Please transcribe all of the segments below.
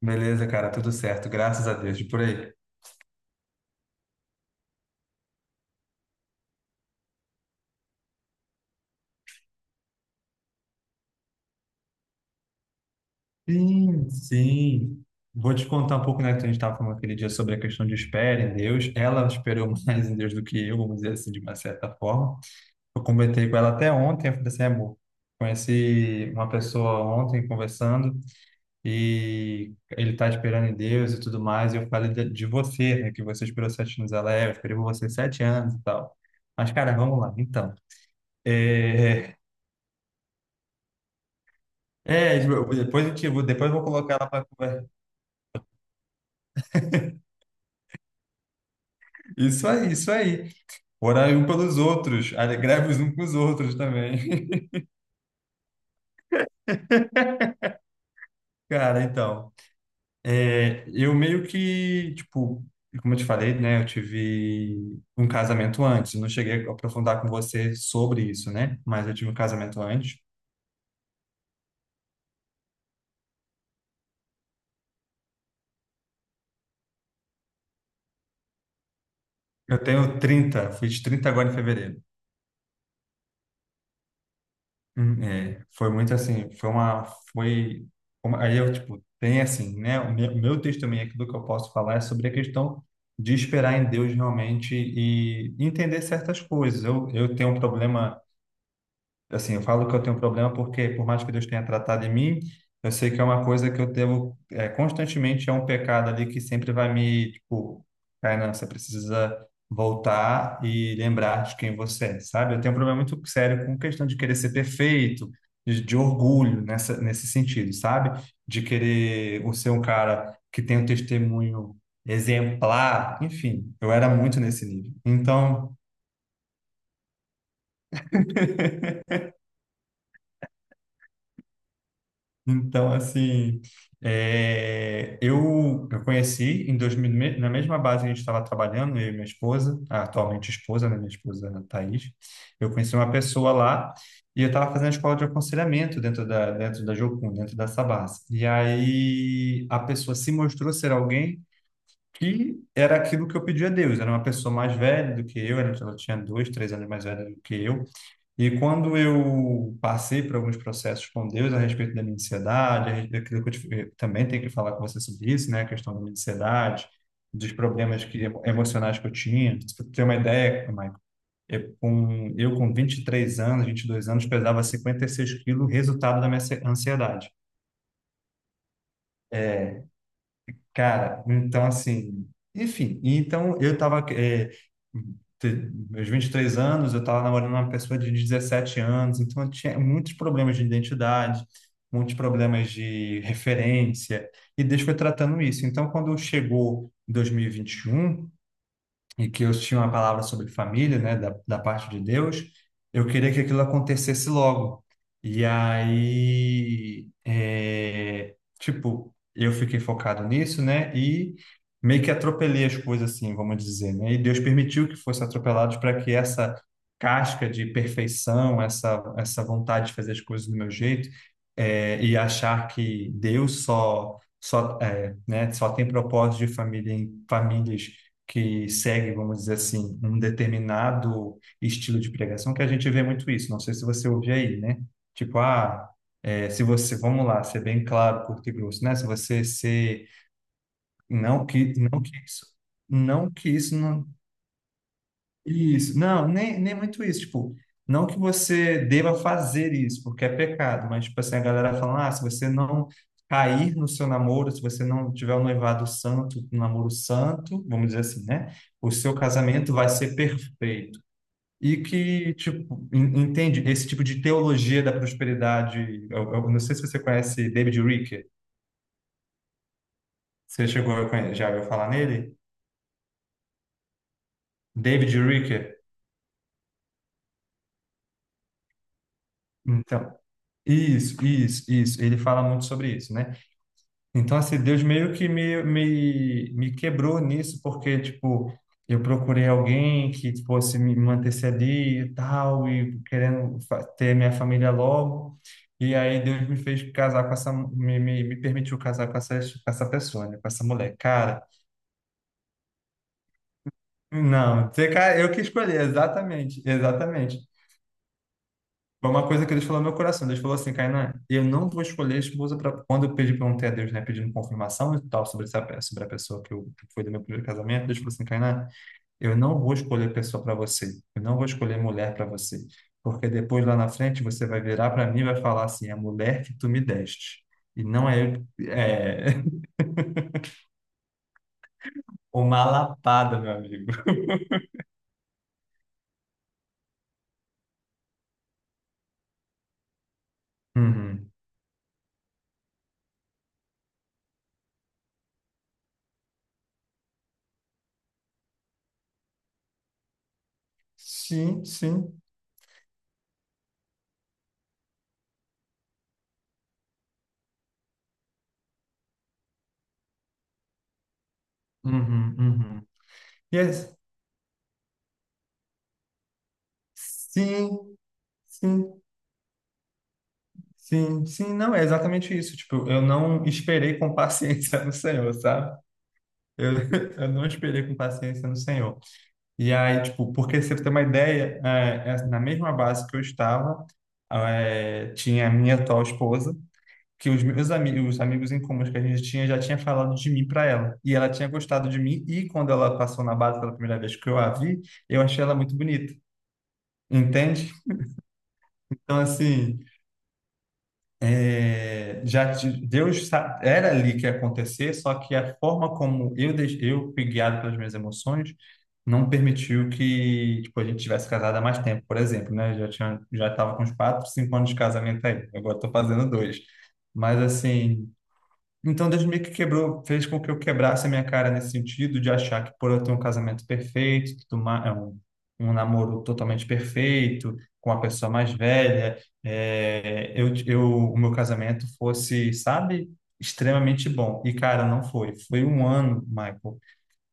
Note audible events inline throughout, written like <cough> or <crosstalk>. Beleza, cara, tudo certo, graças a Deus. E por aí? Sim, sim. Vou te contar um pouco, né, que a gente estava falando aquele dia sobre a questão de espera em Deus. Ela esperou <laughs> mais em Deus do que eu, vamos dizer assim, de uma certa forma. Eu comentei com ela até ontem, eu falei assim, amor, conheci uma pessoa ontem conversando e ele está esperando em Deus e tudo mais. E eu falei de você, né, que você esperou 7 anos, ela é, eu esperei por você 7 anos e tal. Mas, cara, vamos lá, então. É, tipo, depois eu vou colocar ela para conversar. Isso aí, isso aí. Orar um pelos outros, greve os uns com os outros também. <laughs> Cara, então, eu meio que, tipo, como eu te falei, né, eu tive um casamento antes, eu não cheguei a aprofundar com você sobre isso, né, mas eu tive um casamento antes. Eu tenho 30, fiz 30 agora em fevereiro. Foi muito assim, foi, aí eu, tipo, tem assim, né, o meu testemunho aqui do que eu posso falar é sobre a questão de esperar em Deus realmente e entender certas coisas. Eu tenho um problema assim, eu falo que eu tenho um problema porque, por mais que Deus tenha tratado em mim, eu sei que é uma coisa que eu devo, constantemente é um pecado ali que sempre vai me, tipo, Kainan, você precisa voltar e lembrar de quem você é, sabe? Eu tenho um problema muito sério com questão de querer ser perfeito, de, orgulho nessa, nesse sentido, sabe? De querer o ser um cara que tem um testemunho exemplar, enfim, eu era muito nesse nível. Então, <laughs> Então, assim, eu conheci em 2000, na mesma base que a gente estava trabalhando, eu e minha esposa, a atualmente esposa, né, minha esposa Thaís, eu conheci uma pessoa lá e eu estava fazendo a escola de aconselhamento dentro da Jocum, dentro da Sabas. E aí a pessoa se mostrou ser alguém que era aquilo que eu pedi a Deus, era uma pessoa mais velha do que eu, ela tinha 2, 3 anos mais velha do que eu, e quando eu passei por alguns processos com Deus a respeito da minha ansiedade, a respeito daquilo que eu também tenho que falar com você sobre isso, né? A questão da minha ansiedade, dos problemas que, emocionais que eu tinha. Para ter uma ideia, Michael, eu com 23 anos, 22 anos, pesava 56 quilos, resultado da minha ansiedade. É, Cara, então assim, enfim, então eu tava, meus 23 anos, eu tava namorando uma pessoa de 17 anos, então eu tinha muitos problemas de identidade, muitos problemas de referência, e Deus foi tratando isso. Então, quando chegou dois mil e vinte e um e que eu tinha uma palavra sobre família, né, da parte de Deus, eu queria que aquilo acontecesse logo. E aí, tipo, eu fiquei focado nisso, né, e meio que atropelei as coisas assim, vamos dizer, né, e Deus permitiu que fosse atropelado para que essa casca de perfeição, essa vontade de fazer as coisas do meu jeito, e achar que Deus né, só tem propósito de família em famílias que segue, vamos dizer assim, um determinado estilo de pregação, que a gente vê muito isso. Não sei se você ouve aí, né? Tipo, ah, se você, vamos lá, ser bem claro, curto e grosso, né? Se você ser, não que isso, não que isso não isso, não, nem muito isso, tipo, não que você deva fazer isso, porque é pecado, mas, tipo assim, a galera fala, ah, se você não cair no seu namoro, se você não tiver um noivado santo, um namoro santo, vamos dizer assim, né, o seu casamento vai ser perfeito. E que, tipo, entende, esse tipo de teologia da prosperidade, eu não sei se você conhece David Ricker, você chegou a já ouviu falar nele? David Ricker, então, isso, ele fala muito sobre isso, né? Então, assim, Deus meio que me, me quebrou nisso, porque, tipo, eu procurei alguém que fosse me manter ali e tal, e querendo ter minha família logo. E aí Deus me fez casar com essa, me permitiu casar com essa pessoa, né? Com essa mulher. Cara, não, você, cara, eu que escolhi, exatamente, exatamente. Foi uma coisa que Deus falou no meu coração. Deus falou assim, Kainan, eu não vou escolher a esposa para... Quando eu pedi, perguntei a Deus, né? Pedindo confirmação e tal sobre essa, sobre a pessoa que, eu, que foi do meu primeiro casamento. Deus falou assim, Kainan, eu não vou escolher pessoa para você. Eu não vou escolher mulher para você. Porque depois, lá na frente, você vai virar para mim e vai falar assim, a mulher que tu me deste. E não é... eu É... <laughs> Uma lapada, meu amigo. Uhum. Sim, sim. Uhum, uhum. Yes. Sim, sim. Sim, sim, não, é exatamente isso. Tipo, eu não esperei com paciência no Senhor, sabe? Eu, <laughs> eu não esperei com paciência no Senhor. E aí, tipo, porque você tem uma ideia, na mesma base que eu estava, tinha a minha atual esposa, que os meus amigos, os amigos em comuns que a gente tinha já tinha falado de mim para ela. E ela tinha gostado de mim, e quando ela passou na base pela primeira vez que eu a vi, eu achei ela muito bonita. Entende? Então, assim, Deus era ali que ia acontecer, só que a forma como eu eu fui guiado pelas minhas emoções não permitiu que tipo a gente tivesse casado há mais tempo, por exemplo, né? Eu Já tinha já estava com uns 4, 5 anos de casamento aí. Agora estou fazendo dois, mas assim então, Deus meio que quebrou, fez com que eu quebrasse a minha cara nesse sentido de achar que por eu ter um casamento perfeito, tudo ma- é um, um namoro totalmente perfeito, com a pessoa mais velha, é, eu, eu, o meu casamento fosse, sabe, extremamente bom. E, cara, não foi. Foi um ano, Michael,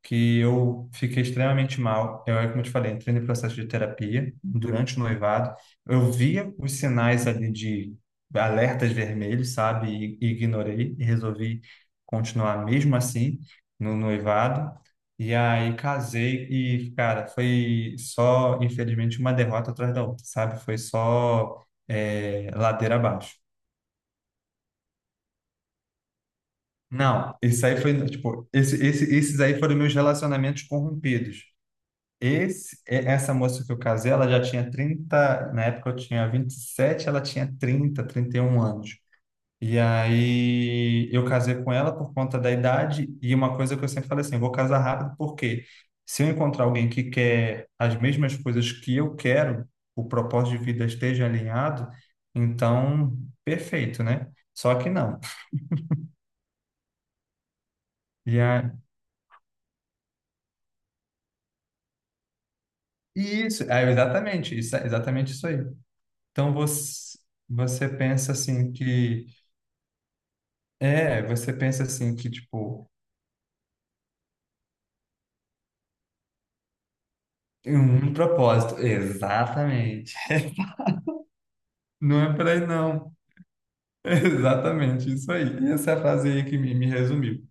que eu fiquei extremamente mal. Eu, é como eu te falei, entrei no processo de terapia durante o noivado. Eu via os sinais ali de alertas vermelhos, sabe? E ignorei e resolvi continuar mesmo assim no noivado. E aí casei e, cara, foi só, infelizmente, uma derrota atrás da outra, sabe? Foi só ladeira abaixo. Não, isso aí foi, tipo, esses aí foram meus relacionamentos corrompidos. Essa moça que eu casei, ela já tinha 30 na época, eu tinha 27, ela tinha 30, 31 anos. E aí eu casei com ela por conta da idade e uma coisa que eu sempre falei assim, vou casar rápido porque se eu encontrar alguém que quer as mesmas coisas que eu quero, o propósito de vida esteja alinhado, então perfeito, né? Só que não. E a e isso, é exatamente, isso, é exatamente isso aí. Então você pensa assim que você pensa assim que, tipo, em um propósito. Exatamente. Não é por aí, não. <laughs> Exatamente, isso aí. Essa frase aí que me resumiu.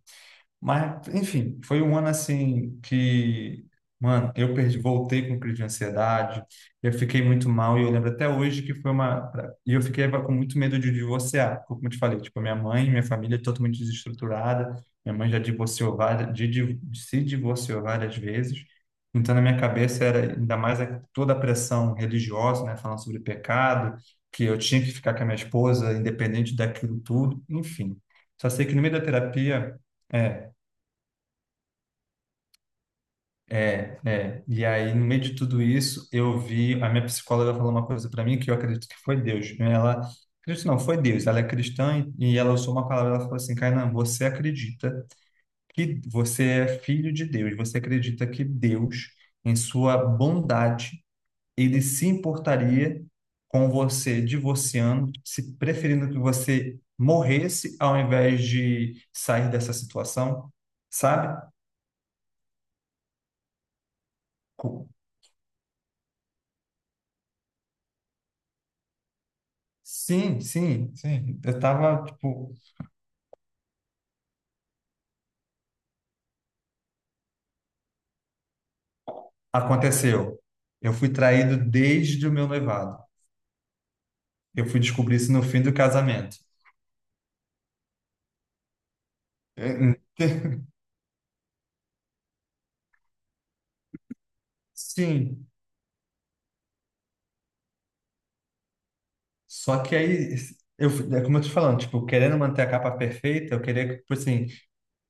Mas, enfim, foi um ano assim que, mano, eu perdi, voltei com crise de ansiedade, eu fiquei muito mal e eu lembro até hoje que foi uma. E eu fiquei com muito medo de divorciar, porque, como eu te falei, tipo, minha mãe, minha família é totalmente desestruturada, minha mãe já divorciou várias, se divorciou várias vezes. Então, na minha cabeça era ainda mais toda a pressão religiosa, né, falando sobre pecado, que eu tinha que ficar com a minha esposa, independente daquilo tudo, enfim. Só sei que no meio da terapia. é, E aí, no meio de tudo isso, eu vi. A minha psicóloga falou uma coisa para mim que eu acredito que foi Deus, né? Ela. Acredito não, foi Deus. Ela é cristã e ela usou uma palavra. Ela falou assim: Kainan, você acredita que você é filho de Deus. Você acredita que Deus, em sua bondade, ele se importaria com você divorciando, se preferindo que você morresse ao invés de sair dessa situação, sabe? Sim, sim, sim. Eu tava, tipo, aconteceu. Eu fui traído desde o meu noivado. Eu fui descobrir isso no fim do casamento. Eh, eh, <laughs> Sim. Só que aí, é como eu tô te falando, tipo, querendo manter a capa perfeita, eu queria, que, tipo assim,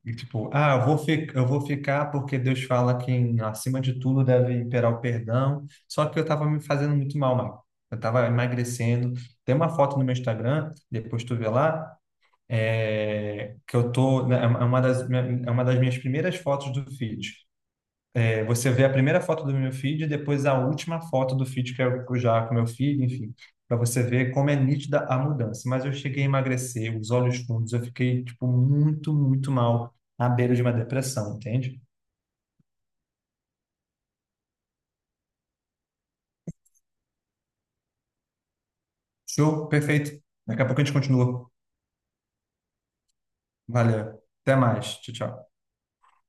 e, tipo, ah, eu vou ficar porque Deus fala que acima de tudo deve imperar o perdão. Só que eu tava me fazendo muito mal, Marco. Eu tava emagrecendo. Tem uma foto no meu Instagram, depois tu vê lá, que eu tô, né, é uma das minhas primeiras fotos do feed. Você vê a primeira foto do meu feed e depois a última foto do feed que eu já com meu filho, enfim, para você ver como é nítida a mudança. Mas eu cheguei a emagrecer, os olhos fundos, eu fiquei tipo muito, muito mal, à beira de uma depressão, entende? Show, perfeito. Daqui a pouco a gente continua. Valeu. Até mais. Tchau, tchau.